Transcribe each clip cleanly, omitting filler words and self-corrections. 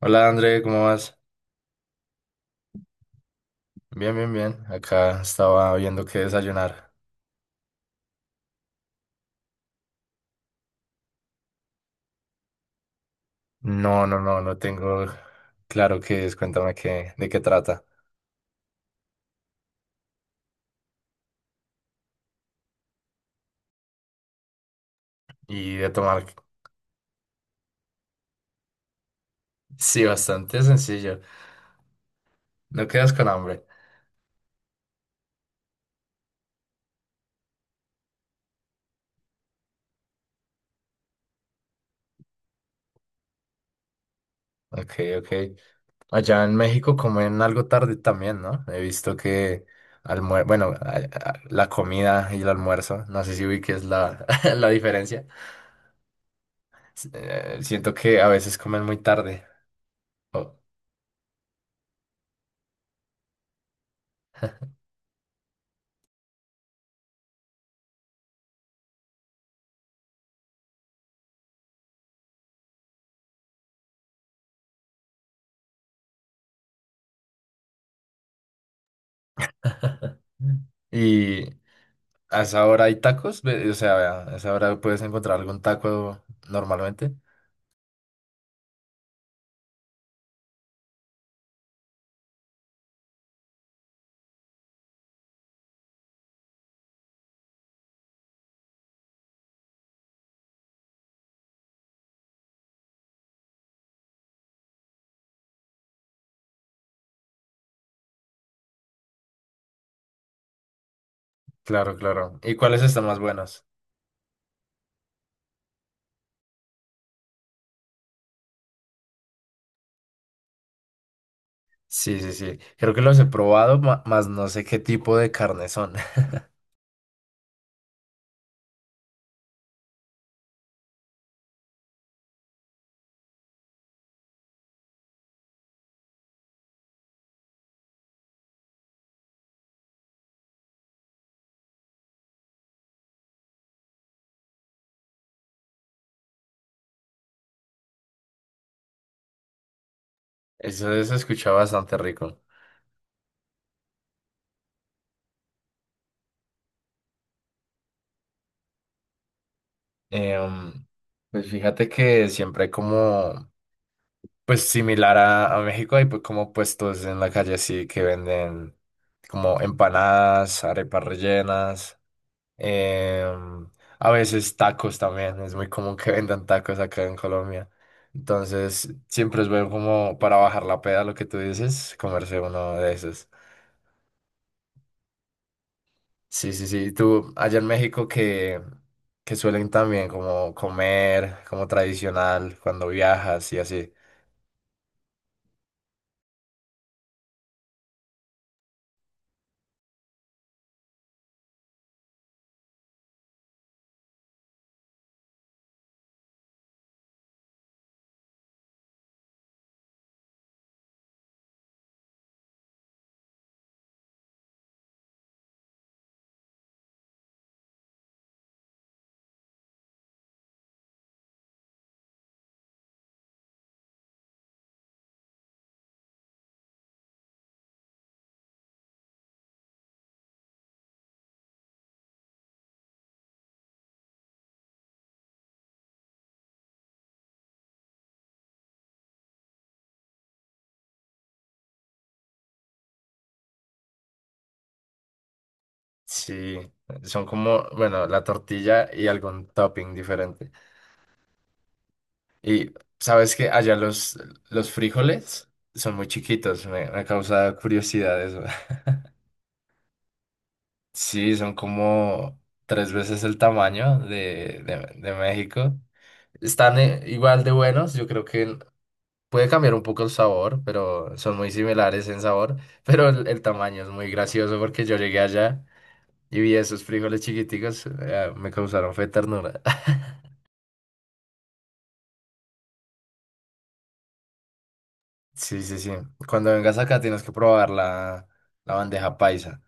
Hola André, ¿cómo vas? Bien, bien, bien. Acá estaba viendo qué desayunar. No, no, no, no tengo claro qué es. Cuéntame de qué trata. Y de tomar. Sí, bastante sencillo. No quedas con hambre. Ok, ok. Allá en México comen algo tarde también, ¿no? He visto que almuer... bueno, la comida y el almuerzo, no sé si vi que es la diferencia. Siento que a veces comen muy tarde. Oh. Y ¿a esa hora hay tacos? O sea, a esa hora puedes encontrar algún taco normalmente. Claro, claro. ¿Y cuáles están más buenos? Sí, sí, sí. Creo que los he probado, más no sé qué tipo de carne son. Eso se escucha bastante rico. Em, pues fíjate que siempre hay pues similar a México, hay como puestos en la calle así que venden como empanadas, arepas rellenas. Em, a veces tacos también, es muy común que vendan tacos acá en Colombia. Entonces, siempre es bueno como para bajar la peda, lo que tú dices, comerse uno de esos. Sí, sí, sí. Allá en México que suelen también como comer, como tradicional, cuando viajas y así. Sí, son como, bueno, la tortilla y algún topping diferente. Y sabes que allá los frijoles son muy chiquitos, me causa curiosidad eso. Sí, son como tres veces el tamaño de México. Están igual de buenos, yo creo que puede cambiar un poco el sabor, pero son muy similares en sabor, pero el tamaño es muy gracioso porque yo llegué allá y vi esos frijoles chiquiticos, me causaron fe ternura. Sí, sí, sí. Cuando vengas acá tienes que probar la bandeja paisa.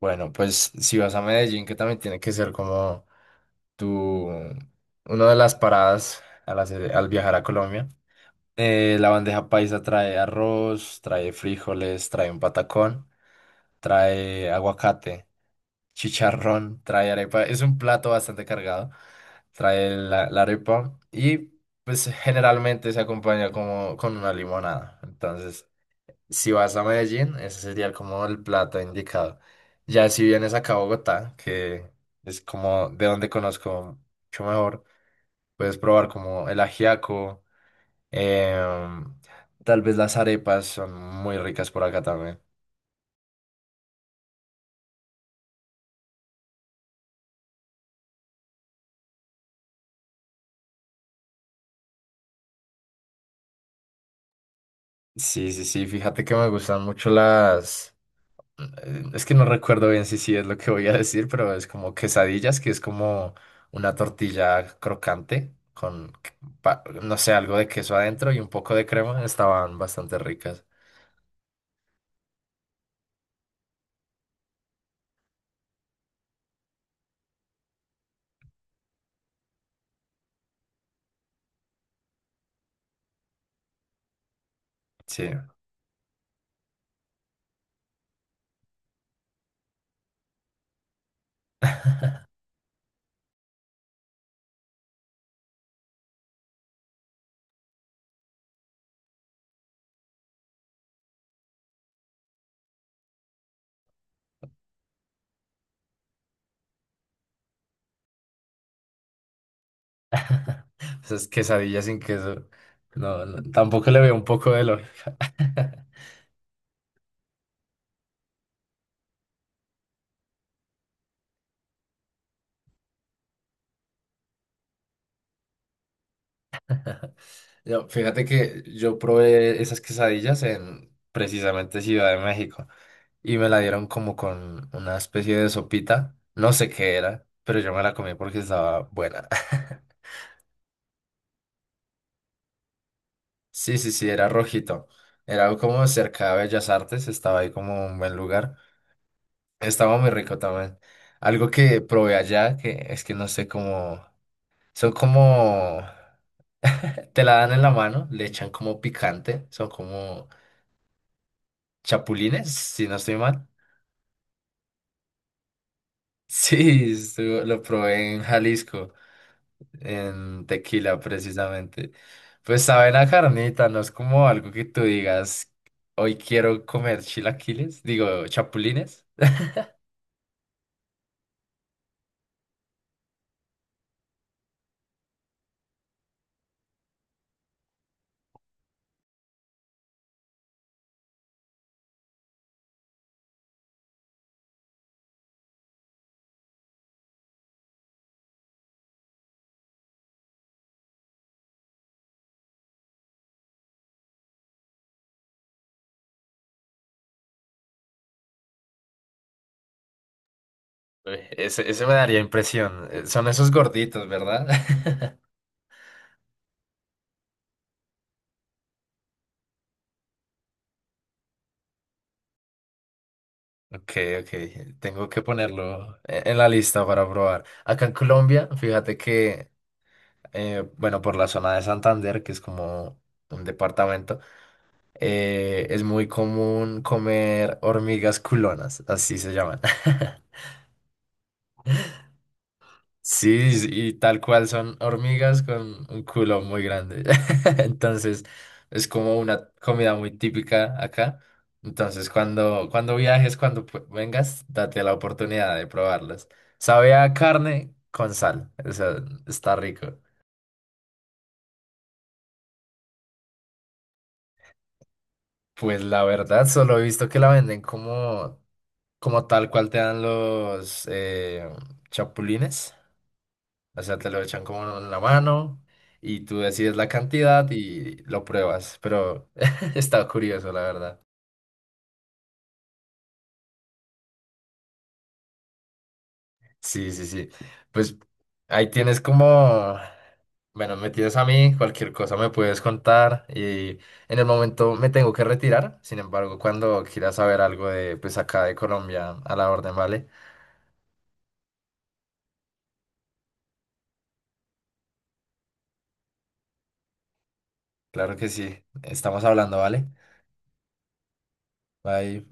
Bueno, pues si vas a Medellín, que también tiene que ser como tu, una de las paradas al viajar a Colombia. La bandeja paisa trae arroz, trae frijoles, trae un patacón, trae aguacate, chicharrón, trae arepa. Es un plato bastante cargado. Trae la arepa y pues generalmente se acompaña como con una limonada. Entonces, si vas a Medellín, ese sería como el plato indicado. Ya si vienes acá a Bogotá, que es como de donde conozco mucho mejor. Puedes probar como el ajiaco, em, tal vez las arepas son muy ricas por acá también. Sí, sí, sí, fíjate que me gustan mucho las... Es que no recuerdo bien si sí es lo que voy a decir, pero es como quesadillas, que es como una tortilla crocante no sé, algo de queso adentro y un poco de crema. Estaban bastante ricas. Sí, esas quesadillas sin queso. No, no, tampoco le veo un poco de lógica. Fíjate que yo probé esas quesadillas en precisamente Ciudad de México y me la dieron como con una especie de sopita. No sé qué era, pero yo me la comí porque estaba buena. Sí, sí, sí, era rojito. Era algo como cerca de Bellas Artes, estaba ahí como un buen lugar. Estaba muy rico también. Algo que probé allá, que es que no sé cómo... Son como... Te la dan en la mano, le echan como picante, son como chapulines, si no estoy mal. Sí, lo probé en Jalisco, en Tequila precisamente. Pues sabe la carnita, no es como algo que tú digas, hoy quiero comer chilaquiles, digo, chapulines. Uy, ese me daría impresión. Son esos gorditos, ¿verdad? Ok, ok, tengo que ponerlo en la lista para probar. Acá en Colombia, bueno, por la zona de Santander, que es como un departamento, es muy común comer hormigas culonas, así se llaman. Sí, sí, y tal cual son hormigas con un culo muy grande. Entonces, es como una comida muy típica acá. Entonces, cuando viajes, vengas, date la oportunidad de probarlas. Sabe a carne con sal, o sea, está rico. Pues la verdad, solo he visto que la venden como tal cual te dan los chapulines. O sea, te lo echan como en la mano y tú decides la cantidad y lo pruebas. Pero está curioso, la verdad. Sí, sí, sí. Pues ahí tienes como, bueno, me tienes a mí, cualquier cosa me puedes contar y en el momento me tengo que retirar. Sin embargo, cuando quieras saber algo de, pues acá de Colombia, a la orden, ¿vale? Claro que sí. Estamos hablando, ¿vale? Bye.